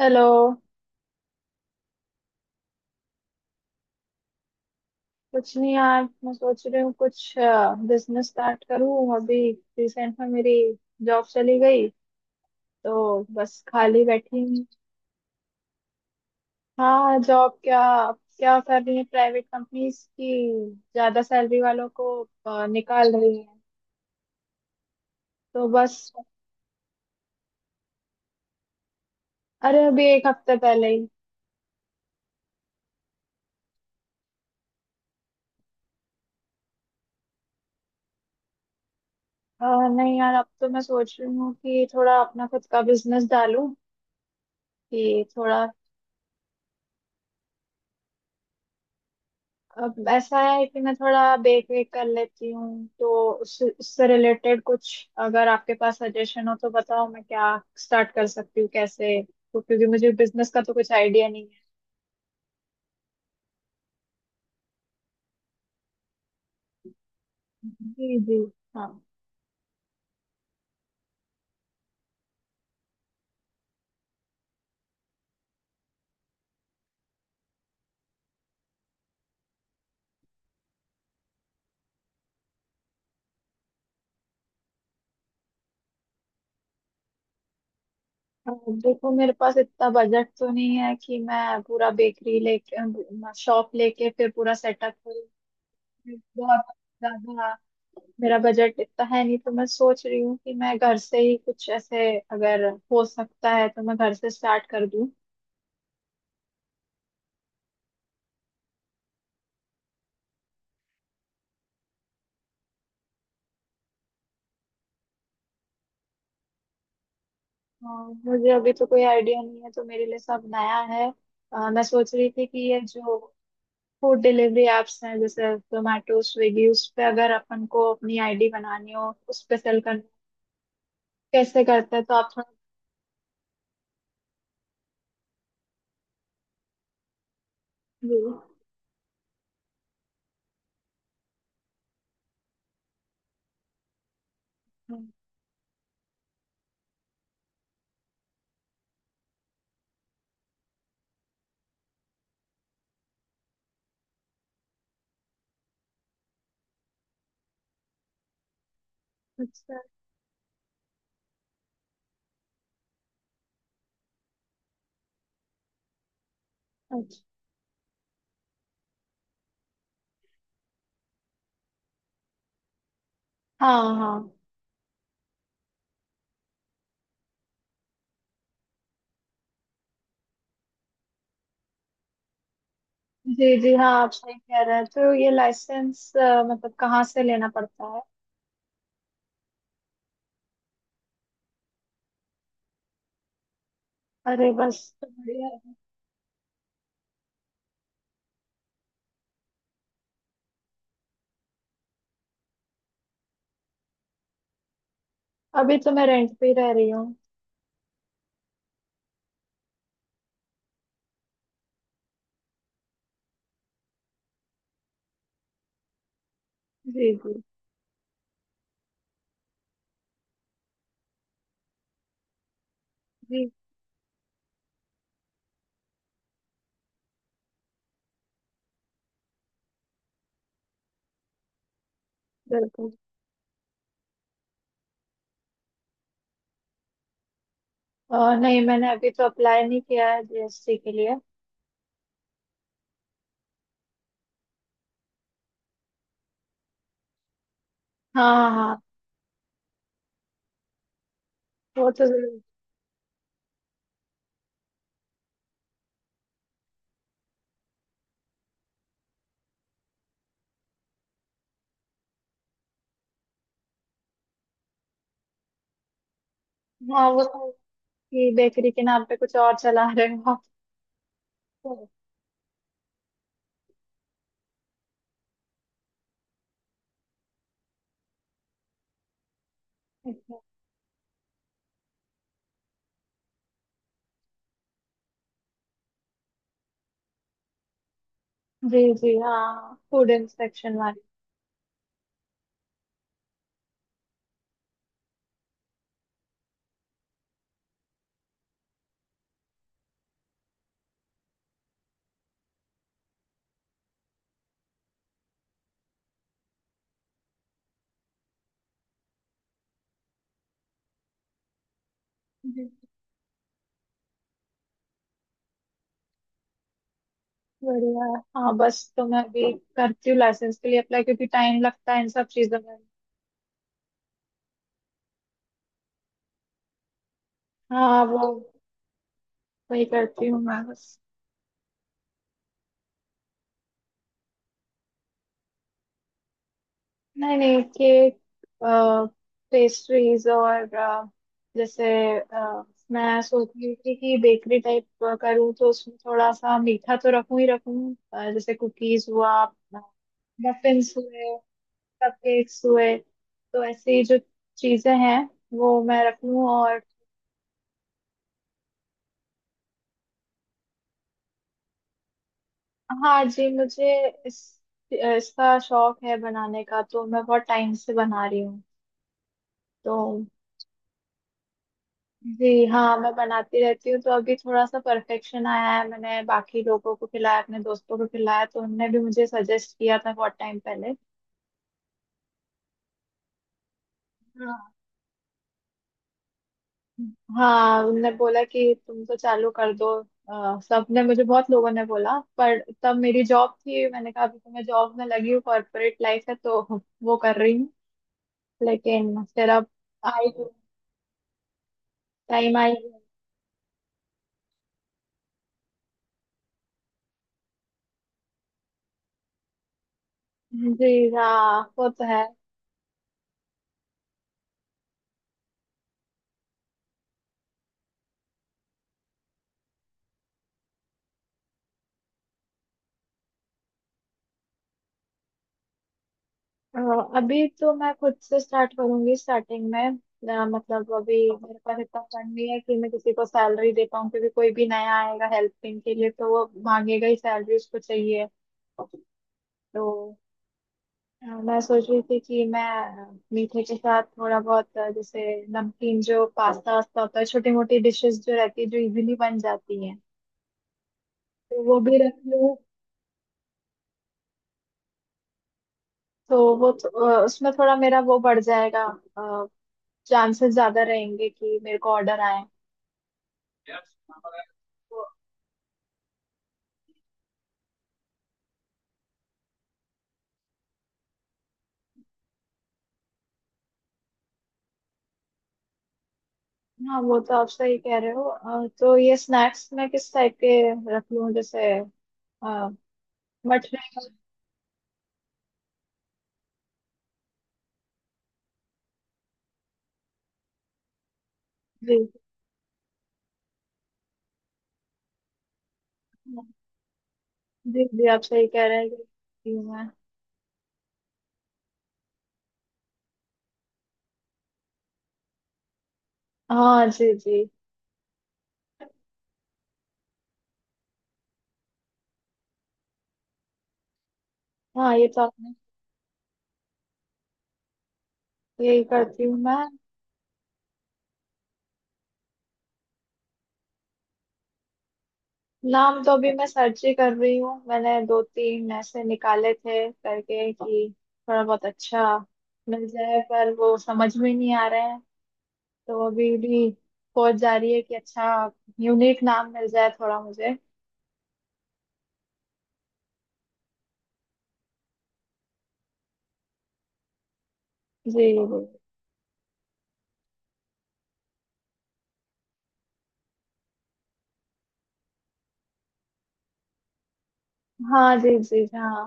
Hello. कुछ नहीं यार, मैं सोच रही हूँ कुछ बिजनेस स्टार्ट करूँ अभी। रिसेंट में मेरी जॉब चली गई तो बस खाली बैठी हूँ। हाँ, जॉब क्या क्या कर रही है प्राइवेट कंपनीज की, ज्यादा सैलरी वालों को निकाल रही है। तो बस अरे अभी एक हफ्ते पहले ही। अ, नहीं यार, अब तो मैं सोच रही हूँ कि थोड़ा अपना खुद का बिजनेस डालूं कि थोड़ा। अब ऐसा है कि मैं थोड़ा देख रेख कर लेती हूँ तो उससे उससे रिलेटेड कुछ अगर आपके पास सजेशन हो तो बताओ, मैं क्या स्टार्ट कर सकती हूँ कैसे, तो क्योंकि मुझे बिजनेस का तो कुछ आइडिया नहीं है। जी जी, हाँ। अब देखो, मेरे पास इतना बजट तो नहीं है कि मैं पूरा बेकरी लेके शॉप लेके फिर पूरा सेटअप करूँ। बहुत ज्यादा मेरा बजट इतना है नहीं, तो मैं सोच रही हूँ कि मैं घर से ही कुछ ऐसे अगर हो सकता है तो मैं घर से स्टार्ट कर दूँ। हाँ, मुझे अभी तो कोई आइडिया नहीं है तो मेरे लिए सब नया है। मैं सोच रही थी कि ये जो फूड डिलीवरी एप्स हैं जैसे जोमेटो स्विगी, उस पे अगर अपन को अपनी आईडी बनानी हो, उस पे सेल करनी हो, कैसे करते हैं, तो आप थोड़ा। जी। अच्छा अच्छा। हाँ हाँ। जी जी, हाँ, आप सही कह रहे हैं, तो ये लाइसेंस मतलब कहाँ से लेना पड़ता है? अरे बस तो बढ़िया है। अभी तो मैं रेंट पे ही रह रही हूँ। जी जी जी, बिल्कुल। और नहीं, मैंने अभी तो अप्लाई नहीं किया है जीएसटी के लिए। हाँ हाँ हाँ, वो तो जरूर। हाँ वो तो कि बेकरी के नाम पे कुछ और चला रहे हो आप। तो, अच्छा। जी जी, हाँ, फूड इंस्पेक्शन वाली। जी, बढ़िया। हाँ, बस तो मैं अभी करती हूँ लाइसेंस के लिए अप्लाई क्योंकि टाइम लगता है इन सब चीजों में। हाँ वो वही करती हूँ मैं बस। नहीं नहीं, केक पेस्ट्रीज और जैसे अ, मैं सोच रही थी कि बेकरी टाइप करूँ तो उसमें थोड़ा सा मीठा तो रखूं ही रखूं, जैसे कुकीज हुआ, मफिन्स हुए, कपकेक्स हुए, तो ऐसी जो चीजें हैं वो मैं रख लूं और। हाँ जी, मुझे इस इसका शौक है बनाने का, तो मैं बहुत टाइम से बना रही हूँ तो। जी हाँ, मैं बनाती रहती हूँ तो अभी थोड़ा सा परफेक्शन आया है, मैंने बाकी लोगों को खिलाया, अपने दोस्तों को खिलाया, तो उनने भी मुझे सजेस्ट किया था बहुत टाइम पहले। हाँ हाँ उनने बोला कि तुम तो चालू कर दो। सबने मुझे बहुत लोगों ने बोला पर तब मेरी जॉब थी, मैंने कहा अभी तो मैं जॉब में लगी हूँ, कॉर्पोरेट लाइफ है तो वो कर रही हूँ। लेकिन फिर अब आई टाइम आई। जी हाँ, वो तो है। अ, अभी तो मैं खुद से स्टार्ट करूंगी स्टार्टिंग में। मतलब अभी मेरे पास इतना फंड नहीं है कि मैं किसी को सैलरी दे पाऊँ, क्योंकि कोई भी नया आएगा हेल्पिंग के लिए तो वो मांगेगा ही सैलरी, उसको चाहिए, तो मैं सोच रही थी कि मैं मीठे के साथ थोड़ा बहुत जैसे नमकीन जो पास्ता वास्ता होता है, छोटी मोटी डिशेस जो रहती है जो इजीली बन जाती हैं, तो वो भी रख लूँ, तो वो उसमें थोड़ा मेरा वो बढ़ जाएगा, चांसेस ज्यादा रहेंगे कि मेरे को ऑर्डर आए तो। हाँ, वो तो आप सही कह रहे हो, तो ये स्नैक्स में किस टाइप के रख लूँ जैसे मठरी। जी जी जी, आप सही कह रहे हैं कि मैं। हाँ जी जी, हाँ ये तो आपने यही करती हूँ मैं। नाम तो अभी मैं सर्च ही कर रही हूँ, मैंने दो तीन ऐसे निकाले थे करके कि थोड़ा बहुत अच्छा मिल जाए, पर वो समझ में नहीं आ रहे हैं तो अभी भी सोच जा रही है कि अच्छा यूनिक नाम मिल जाए थोड़ा मुझे। जी जी। हाँ जी जी। हाँ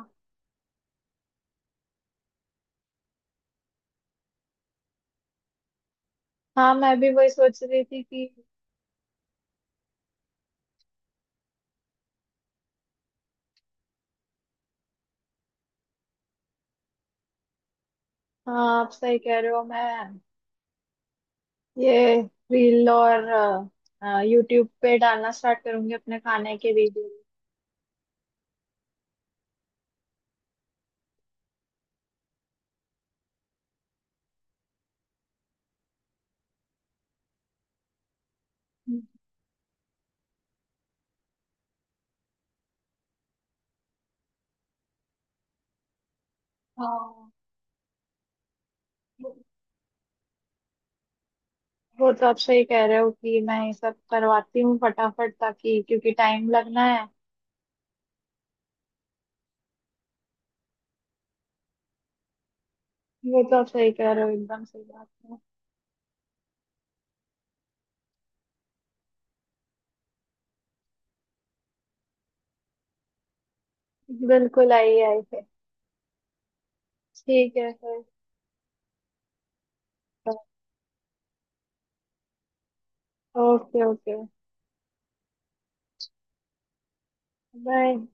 हाँ, मैं भी वही सोच रही थी कि। हाँ आप सही कह रहे हो, मैं ये रील और यूट्यूब पे डालना स्टार्ट करूंगी अपने खाने के वीडियो। हाँ वो वो तो आप सही कह रहे हो कि मैं ये सब करवाती हूँ फटाफट ताकि क्योंकि टाइम लगना है। वो तो आप सही कह रहे हो, एकदम सही बात है। बिल्कुल आई आई है। ठीक है फिर। Okay okay. बाय।